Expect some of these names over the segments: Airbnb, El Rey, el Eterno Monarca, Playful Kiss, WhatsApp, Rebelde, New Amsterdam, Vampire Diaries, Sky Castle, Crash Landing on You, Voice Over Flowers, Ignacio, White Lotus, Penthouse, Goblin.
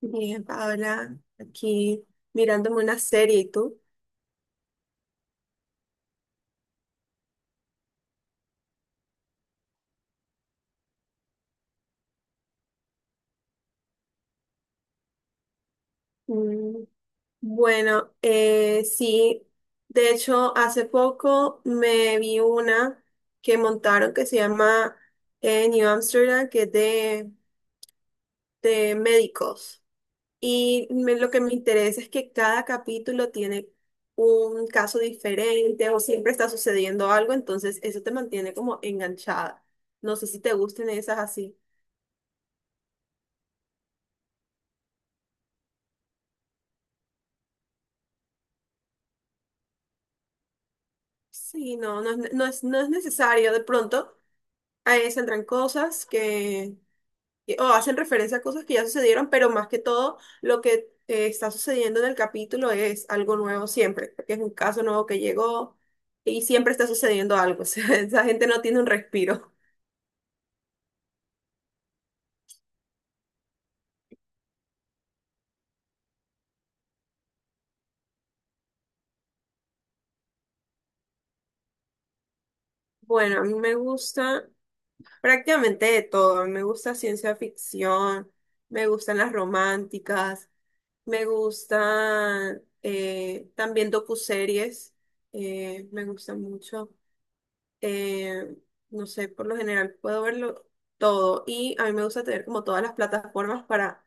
Bien, Paola, aquí mirándome una serie, ¿y tú? Mm, bueno, sí, de hecho, hace poco me vi una que montaron que se llama New Amsterdam, que es de médicos. Lo que me interesa es que cada capítulo tiene un caso diferente o siempre está sucediendo algo, entonces eso te mantiene como enganchada. No sé si te gusten esas así. Sí, no, no, no es, no es necesario. De pronto ahí saldrán cosas que, o hacen referencia a cosas que ya sucedieron, pero más que todo lo que está sucediendo en el capítulo es algo nuevo siempre, porque es un caso nuevo que llegó y siempre está sucediendo algo. O sea, esa gente no tiene un respiro. Bueno, a mí me gusta prácticamente de todo. Me gusta ciencia ficción, me gustan las románticas. Me gustan, también docuseries, me gustan mucho. Eh, no sé, por lo general puedo verlo todo y a mí me gusta tener como todas las plataformas para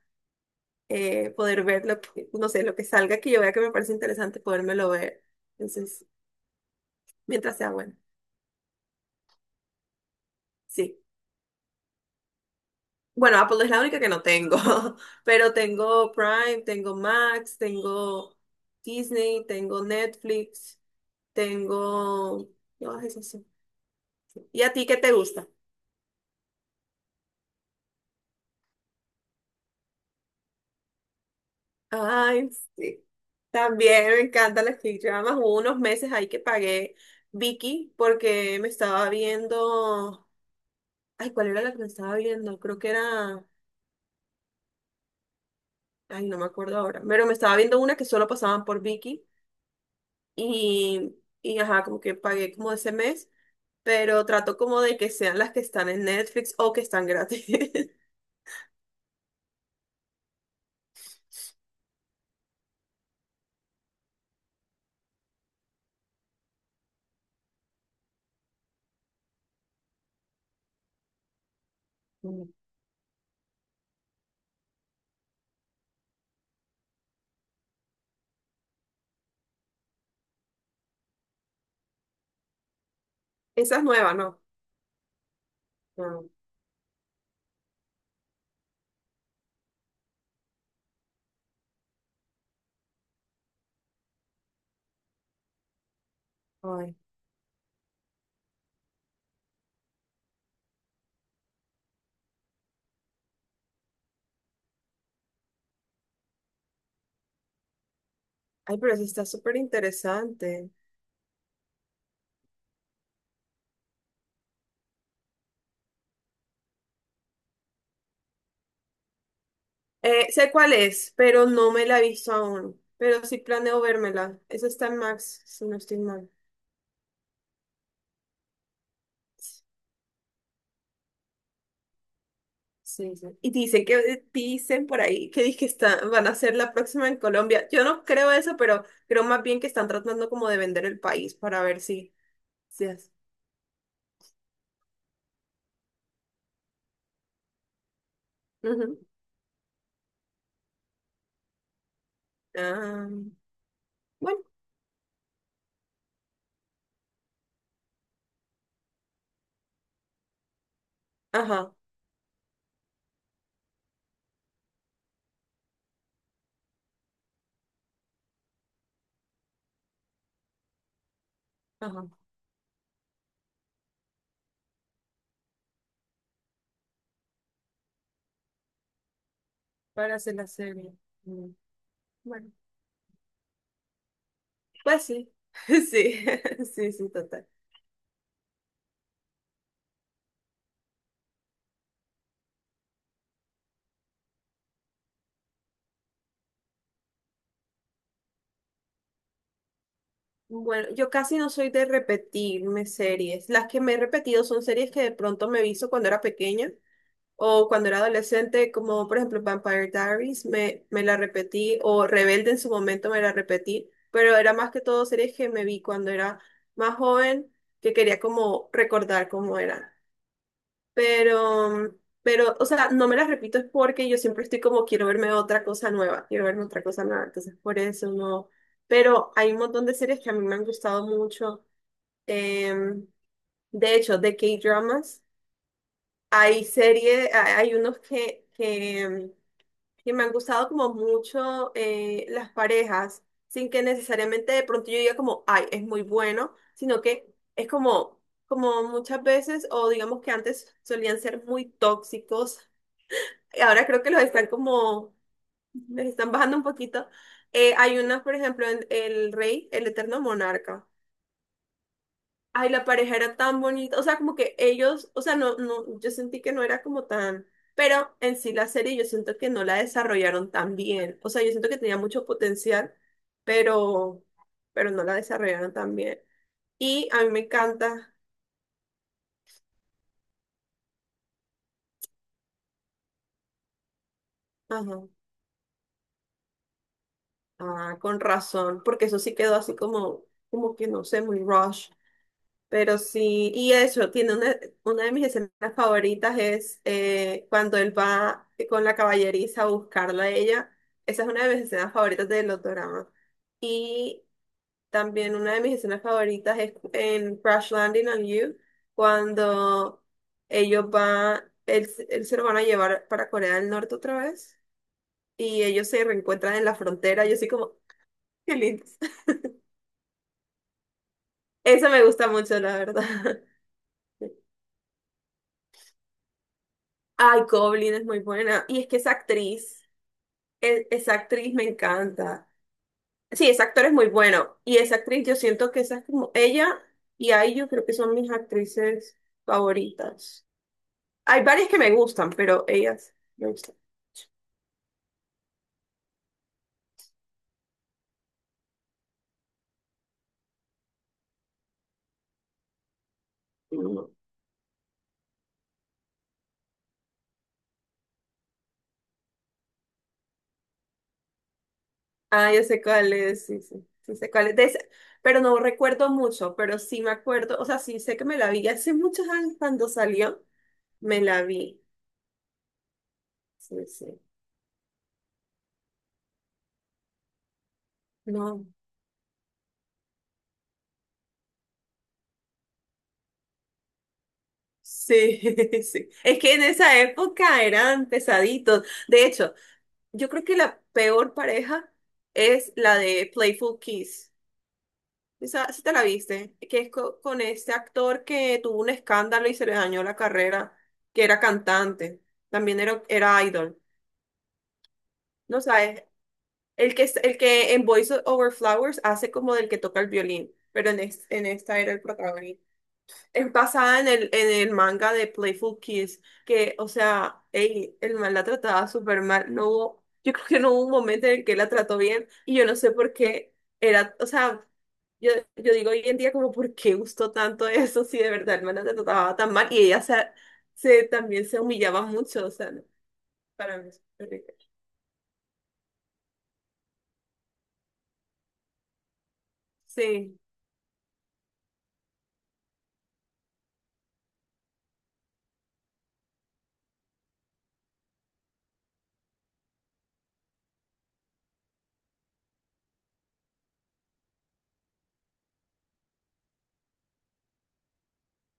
poder ver lo que, no sé, lo que salga que yo vea que me parece interesante, podérmelo ver. Entonces, mientras sea bueno, sí. Bueno, Apple es la única que no tengo, pero tengo Prime, tengo Max, tengo Disney, tengo Netflix, tengo... Todas esas. ¿Y a ti qué te gusta? Ay, sí. También me encantan las K-dramas. Hubo unos meses ahí que pagué Vicky porque me estaba viendo. Ay, ¿cuál era la que me estaba viendo? Creo que era... Ay, no me acuerdo ahora. Pero me estaba viendo una que solo pasaban por Vicky. Y, y ajá, como que pagué como ese mes. Pero trato como de que sean las que están en Netflix o que están gratis. Mm, esa es nueva, ¿no? No. Ay. Ay, pero sí está súper interesante. Sé cuál es, pero no me la he visto aún. Pero sí planeo vérmela. Esa está en Max, si no estoy mal. Sí, sí. Y dicen que dicen por ahí que dizque está, van a hacer la próxima en Colombia. Yo no creo eso, pero creo más bien que están tratando como de vender el país para ver si, si es. Ujú. Ah, bueno, ajá, ajá. Para hacer la serie. Mm, bueno, pues sí. Sí, sí, sí, total. Bueno, yo casi no soy de repetirme series. Las que me he repetido son series que de pronto me visto cuando era pequeña o cuando era adolescente, como por ejemplo Vampire Diaries, me la repetí, o Rebelde en su momento me la repetí, pero era más que todo series que me vi cuando era más joven, que quería como recordar cómo era, pero, pero, o sea, no me las repito es porque yo siempre estoy como, quiero verme otra cosa nueva, quiero verme otra cosa nueva, entonces por eso no. Pero hay un montón de series que a mí me han gustado mucho. em, de hecho, de K-dramas, hay series, hay unos que, que me han gustado como mucho, las parejas, sin que necesariamente de pronto yo diga como, ay, es muy bueno, sino que es como, como muchas veces, o digamos que antes solían ser muy tóxicos, ahora creo que los están como, les están bajando un poquito. Hay unas, por ejemplo, en El Rey, el Eterno Monarca. Ay, la pareja era tan bonita, o sea, como que ellos, o sea, no, no, yo sentí que no era como tan, pero en sí la serie yo siento que no la desarrollaron tan bien, o sea, yo siento que tenía mucho potencial, pero, pero no la desarrollaron tan bien. Y a mí me encanta, ajá, ah, con razón, porque eso sí quedó así como, como que no sé, muy rush. Pero sí, y eso, tiene una de mis escenas favoritas es, cuando él va con la caballeriza a buscarla a ella. Esa es una de mis escenas favoritas de los dramas. Y también una de mis escenas favoritas es en Crash Landing on You, cuando ellos van, él se lo van a llevar para Corea del Norte otra vez y ellos se reencuentran en la frontera. Yo soy como, qué lindo. Eso me gusta mucho, la verdad. Ay, Goblin es muy buena. Y es que esa actriz, esa actriz me encanta. Sí, ese actor es muy bueno. Y esa actriz, yo siento que esa es como ella y ahí yo creo que son mis actrices favoritas. Hay varias que me gustan, pero ellas me gustan. Ah, yo sé cuál es, sí, sí, sí sé cuál es. De ese, pero no recuerdo mucho, pero sí me acuerdo, o sea, sí sé que me la vi hace muchos años cuando salió, me la vi. Sí, sí. No. Sí, sí. Es que en esa época eran pesaditos. De hecho, yo creo que la peor pareja es la de Playful Kiss. Esa, si te la viste, que es con este actor que tuvo un escándalo y se le dañó la carrera, que era cantante, también era, era idol. No sabes, el que, el que en Voice Over Flowers hace como del que toca el violín, pero en, en esta era el protagonista. Es basada en el manga de Playful Kiss, que, o sea, ey, el man la trataba súper mal. No hubo, yo creo que no hubo un momento en el que la trató bien, y yo no sé por qué era, o sea, yo digo hoy en día como, ¿por qué gustó tanto eso si de verdad el man la trataba tan mal? Y ella se, se, también se humillaba mucho, o sea, no, para mí es horrible. Sí,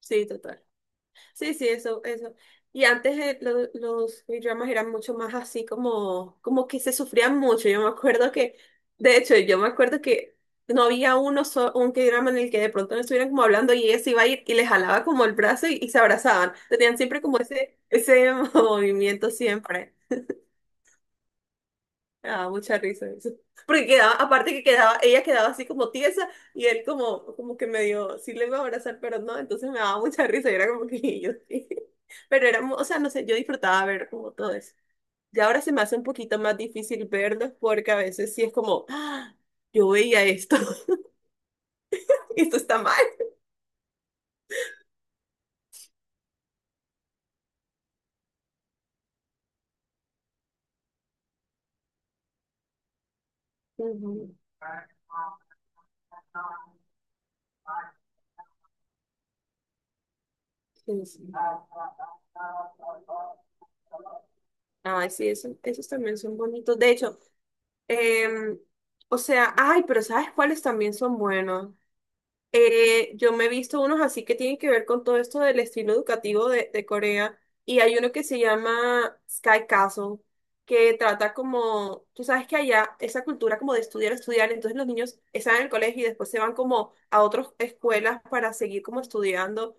sí, total. Sí, sí, eso, eso. Y antes, los dramas eran mucho más así como, como que se sufrían mucho. Yo me acuerdo que, de hecho, yo me acuerdo que no había uno un K-drama en el que de pronto no estuvieran como hablando y ella se iba a ir y les jalaba como el brazo y se abrazaban. Tenían siempre como ese movimiento siempre. Ah, mucha risa eso. Porque quedaba, aparte que quedaba, ella quedaba así como tiesa y él como, como que medio, sí le iba a abrazar, pero no, entonces me daba mucha risa y era como que yo sí. Pero era, o sea, no sé, yo disfrutaba ver como todo eso. Y ahora se me hace un poquito más difícil verlos porque a veces sí es como, "Ah, yo veía esto, esto está mal". Ujú, sí, sí. Ay, sí, esos también son bonitos. De hecho, em, o sea, ay, pero ¿sabes cuáles también son buenos? Yo me he visto unos así que tienen que ver con todo esto del estilo educativo de Corea. Y hay uno que se llama Sky Castle, que trata como, tú sabes que allá esa cultura como de estudiar, estudiar, entonces los niños están en el colegio y después se van como a otras escuelas para seguir como estudiando.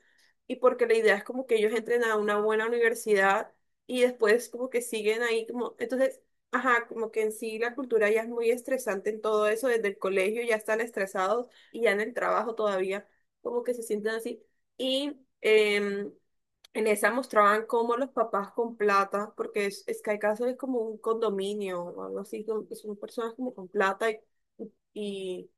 Y porque la idea es como que ellos entren a una buena universidad y después como que siguen ahí como, entonces, ajá, como que en sí la cultura ya es muy estresante en todo eso, desde el colegio ya están estresados y ya en el trabajo todavía como que se sienten así. Y en esa mostraban cómo los papás con plata, porque es que hay casos es como un condominio o algo así, que son personas como con plata y, y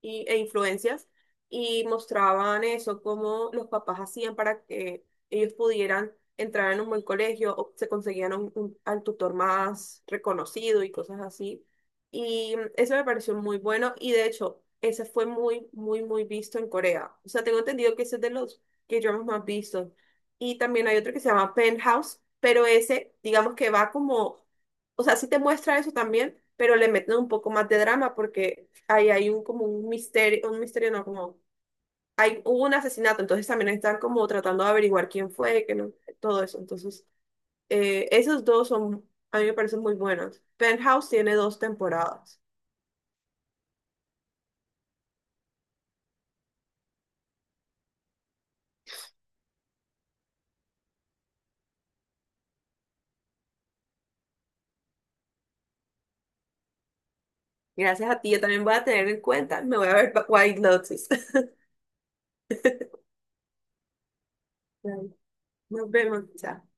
e influencias y mostraban eso, cómo los papás hacían para que ellos pudieran entrar en un buen colegio o se conseguían un, al tutor más reconocido y cosas así. Y mm, eso me pareció muy bueno y de hecho, ese fue muy, muy, muy visto en Corea. O sea, tengo entendido que ese es de los que yo más visto. Y también hay otro que se llama Penthouse, pero ese, digamos que va como... O sea, sí te muestra eso también, pero le meten un poco más de drama porque ahí hay un como un misterio no, como hay, hubo un asesinato, entonces también están como tratando de averiguar quién fue, que no, todo eso. Entonces, esos dos son, a mí me parecen muy buenos. Penthouse tiene dos temporadas. Gracias a ti, yo también voy a tener en cuenta, me voy a ver White Lotus. Nos vemos, chao.